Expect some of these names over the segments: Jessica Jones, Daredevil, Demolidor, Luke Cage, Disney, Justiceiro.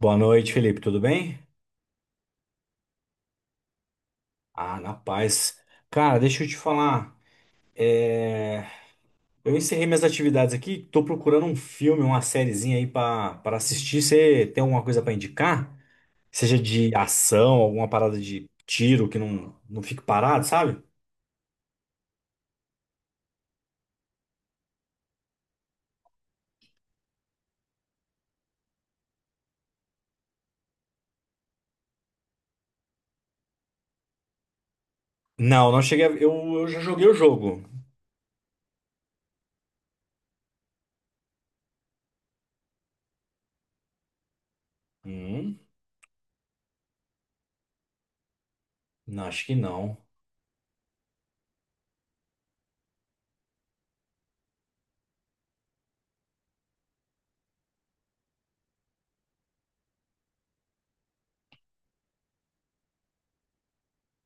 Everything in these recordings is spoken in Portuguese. Boa noite, Felipe. Tudo bem? Ah, na paz. Cara, deixa eu te falar. é, Eu encerrei minhas atividades aqui. Tô procurando um filme, uma sériezinha aí pra para assistir. Você tem alguma coisa pra indicar? Seja de ação, alguma parada de tiro que não, não fique parado, sabe? Não, não cheguei. Eu já joguei o jogo. Hum, não, acho que não.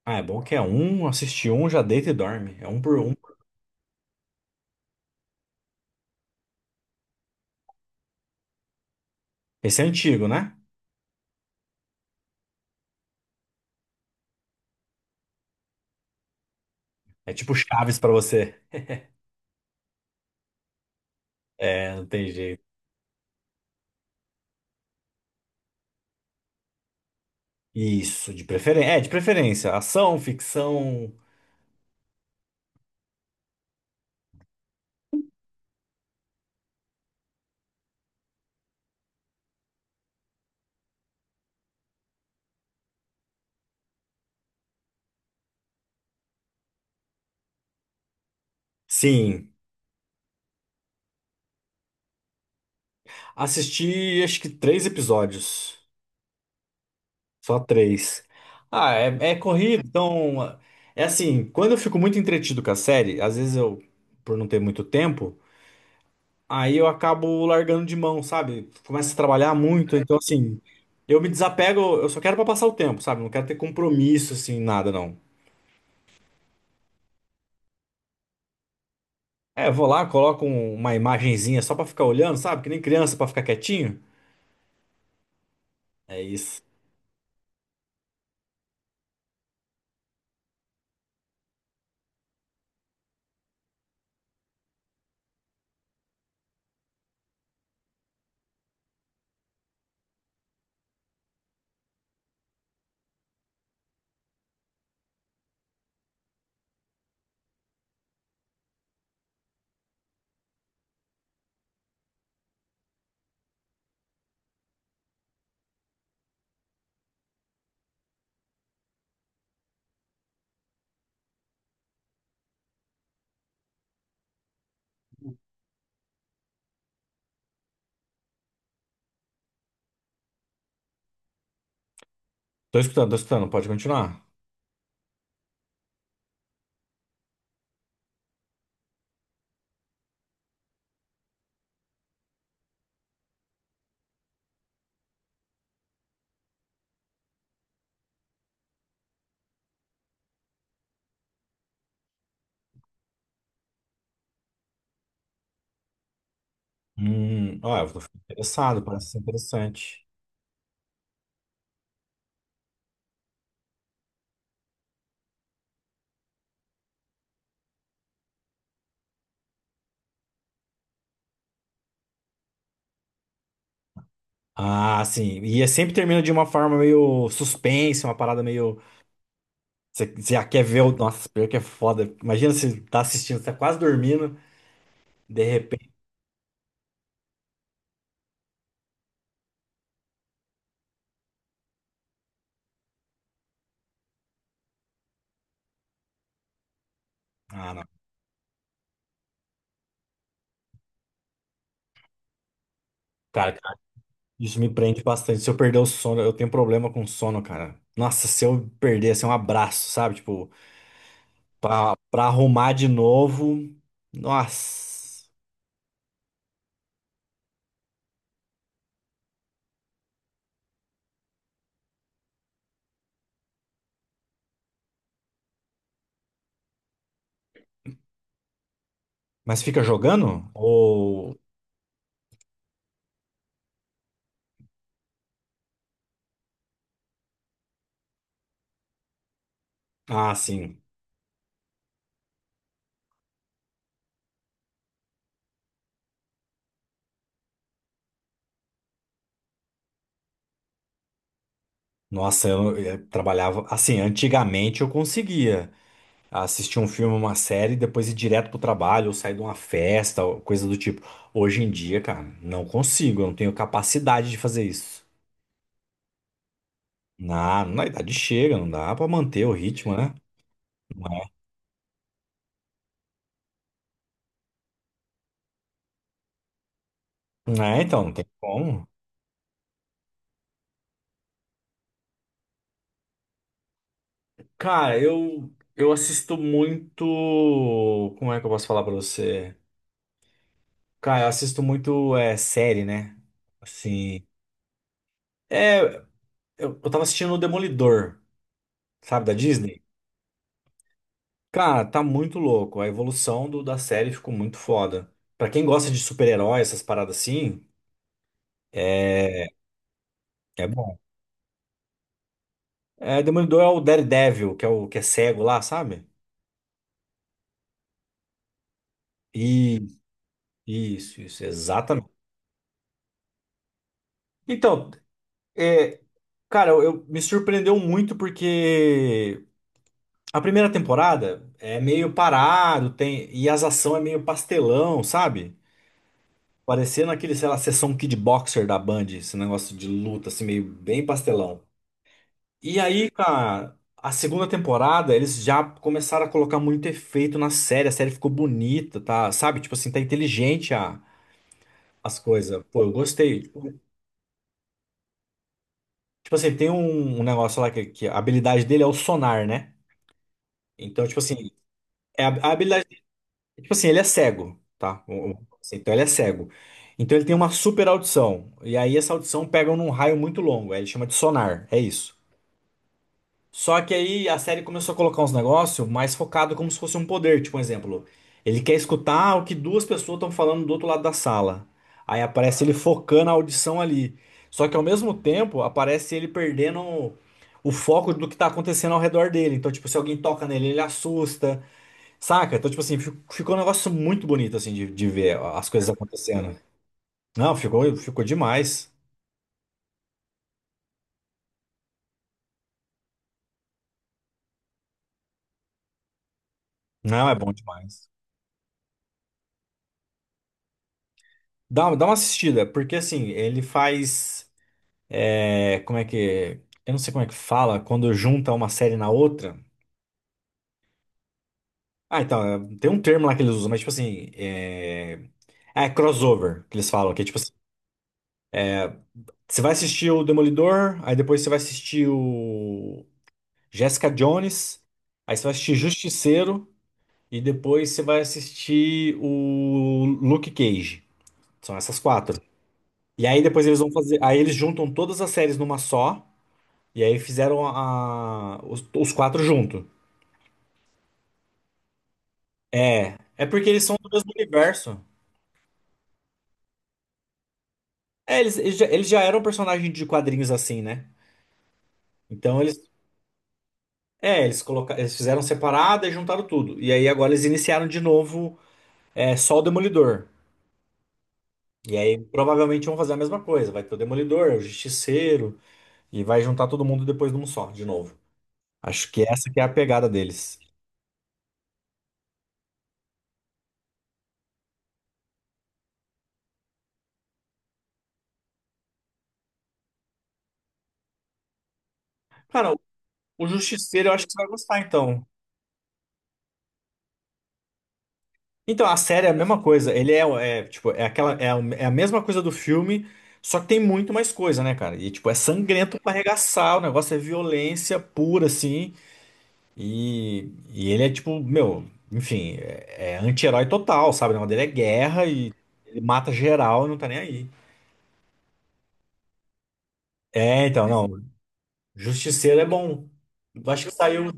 Ah, é bom que é um, assiste um, já deita e dorme. É um por um. Esse é antigo, né? É tipo Chaves pra você. É, não tem jeito. Isso, de preferência. É, de preferência. Ação, ficção. Sim. Assisti acho que três episódios. Só três. Ah, é, é corrido, então. É assim, quando eu fico muito entretido com a série, às vezes eu, por não ter muito tempo, aí eu acabo largando de mão, sabe? Começo a trabalhar muito, então assim, eu me desapego, eu só quero pra passar o tempo, sabe? Não quero ter compromisso, assim, nada, não. É, eu vou lá, coloco uma imagenzinha só pra ficar olhando, sabe? Que nem criança pra ficar quietinho. É isso. Tô escutando, pode continuar. Ó, eu tô interessado, parece ser interessante. Ah, sim. E é sempre termina de uma forma meio suspense, uma parada meio. Você você já quer ver o. Nossa, pior que é foda. Imagina você tá assistindo, você tá quase dormindo, de repente. Ah, não. Cara, isso me prende bastante. Se eu perder o sono, eu tenho problema com sono, cara. Nossa, se eu perder, assim, um abraço, sabe? Tipo, pra arrumar de novo. Nossa. Mas fica jogando? Ou. Ah, sim. Nossa, eu trabalhava. Assim, antigamente eu conseguia assistir um filme, uma série, depois ir direto pro trabalho, ou sair de uma festa, ou coisa do tipo. Hoje em dia, cara, não consigo, eu não tenho capacidade de fazer isso. Na idade chega, não dá pra manter o ritmo, né? Não é, então, não tem como. Cara, eu assisto muito. Como é que eu posso falar pra você? Cara, eu assisto muito é, série, né? Assim. É, eu tava assistindo o Demolidor, sabe, da Disney. Cara, tá muito louco. A evolução do, da série ficou muito foda. Pra quem gosta de super-herói, essas paradas assim, é, é bom. É, Demolidor é o Daredevil, que é o que é cego lá, sabe? E isso, exatamente. Então, é, cara, me surpreendeu muito porque a primeira temporada é meio parado, tem e as ações é meio pastelão, sabe? Parecendo aquele, sei lá, sessão Kid Boxer da Band, esse negócio de luta, assim, meio bem pastelão. E aí, cara, a segunda temporada, eles já começaram a colocar muito efeito na série. A série ficou bonita, tá? Sabe? Tipo assim, tá inteligente as coisas. Pô, eu gostei. Tipo assim, tem um negócio lá que a habilidade dele é o sonar, né? Então, tipo assim, é a habilidade. Tipo assim, ele é cego, tá? Assim, então ele é cego. Então ele tem uma super audição. E aí essa audição pega num raio muito longo. Aí ele chama de sonar. É isso. Só que aí a série começou a colocar uns negócios mais focado como se fosse um poder, tipo um exemplo. Ele quer escutar o que duas pessoas estão falando do outro lado da sala. Aí aparece ele focando a audição ali. Só que ao mesmo tempo aparece ele perdendo o foco do que tá acontecendo ao redor dele. Então, tipo, se alguém toca nele, ele assusta, saca? Então, tipo assim, ficou um negócio muito bonito assim de ver as coisas acontecendo. Não, ficou, ficou demais. Não, é bom demais. Dá, dá uma assistida, porque assim, ele faz. É, como é que. Eu não sei como é que fala quando junta uma série na outra. Ah, então, tem um termo lá que eles usam, mas tipo assim. é crossover que eles falam, que é tipo assim. Você vai assistir o Demolidor, aí depois você vai assistir o Jessica Jones, aí você vai assistir Justiceiro, e depois você vai assistir o Luke Cage. São essas quatro. E aí depois eles vão fazer. Aí eles juntam todas as séries numa só, e aí fizeram os quatro junto. É, é porque eles são do mesmo universo. É, eles já eram personagens de quadrinhos assim, né? Então eles colocaram, eles fizeram separada e juntaram tudo. E aí agora eles iniciaram de novo, é, só o Demolidor. E aí provavelmente vão fazer a mesma coisa. Vai ter o Demolidor, o Justiceiro e vai juntar todo mundo depois num só, de novo. Acho que essa que é a pegada deles. Cara, o Justiceiro eu acho que você vai gostar então. Então, a série é a mesma coisa. Ele é, tipo, é aquela, a é a mesma coisa do filme, só que tem muito mais coisa, né, cara? E, tipo, é sangrento pra arregaçar, o negócio é violência pura, assim. E ele é, tipo, meu, enfim, é anti-herói total, sabe? O negócio dele é guerra e ele mata geral e não tá nem aí. É, então, não. Justiceiro é bom. Eu acho que saiu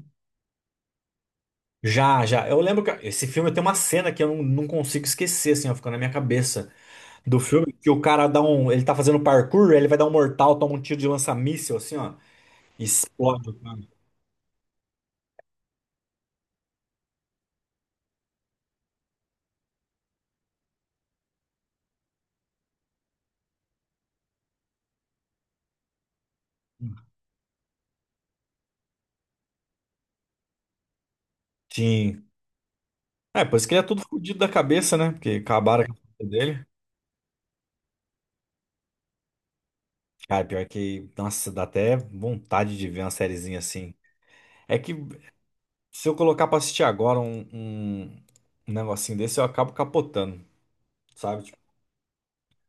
já, já. Eu lembro que esse filme tem uma cena que eu não, não consigo esquecer, assim, ó, ficou na minha cabeça. Do filme, que o cara dá um. Ele tá fazendo parkour, ele vai dar um mortal, toma um tiro de lança-míssil, assim, ó. E explode, cara. Sim. É, por isso que ele é todo fodido da cabeça, né? Porque acabaram com a vida dele. Cara, pior que. Nossa, dá até vontade de ver uma sériezinha assim. É que se eu colocar pra assistir agora um negocinho desse, eu acabo capotando, sabe? Tipo,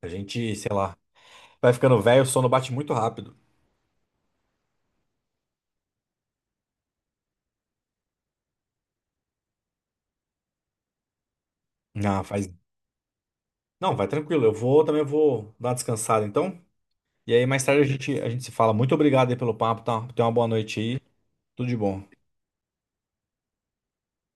a gente, sei lá, vai ficando velho, o sono bate muito rápido. Não, faz. Não, vai tranquilo. Eu vou também vou dar uma descansada, então. E aí, mais tarde a gente se fala. Muito obrigado aí pelo papo, tá? Tenha uma boa noite aí. Tudo de bom.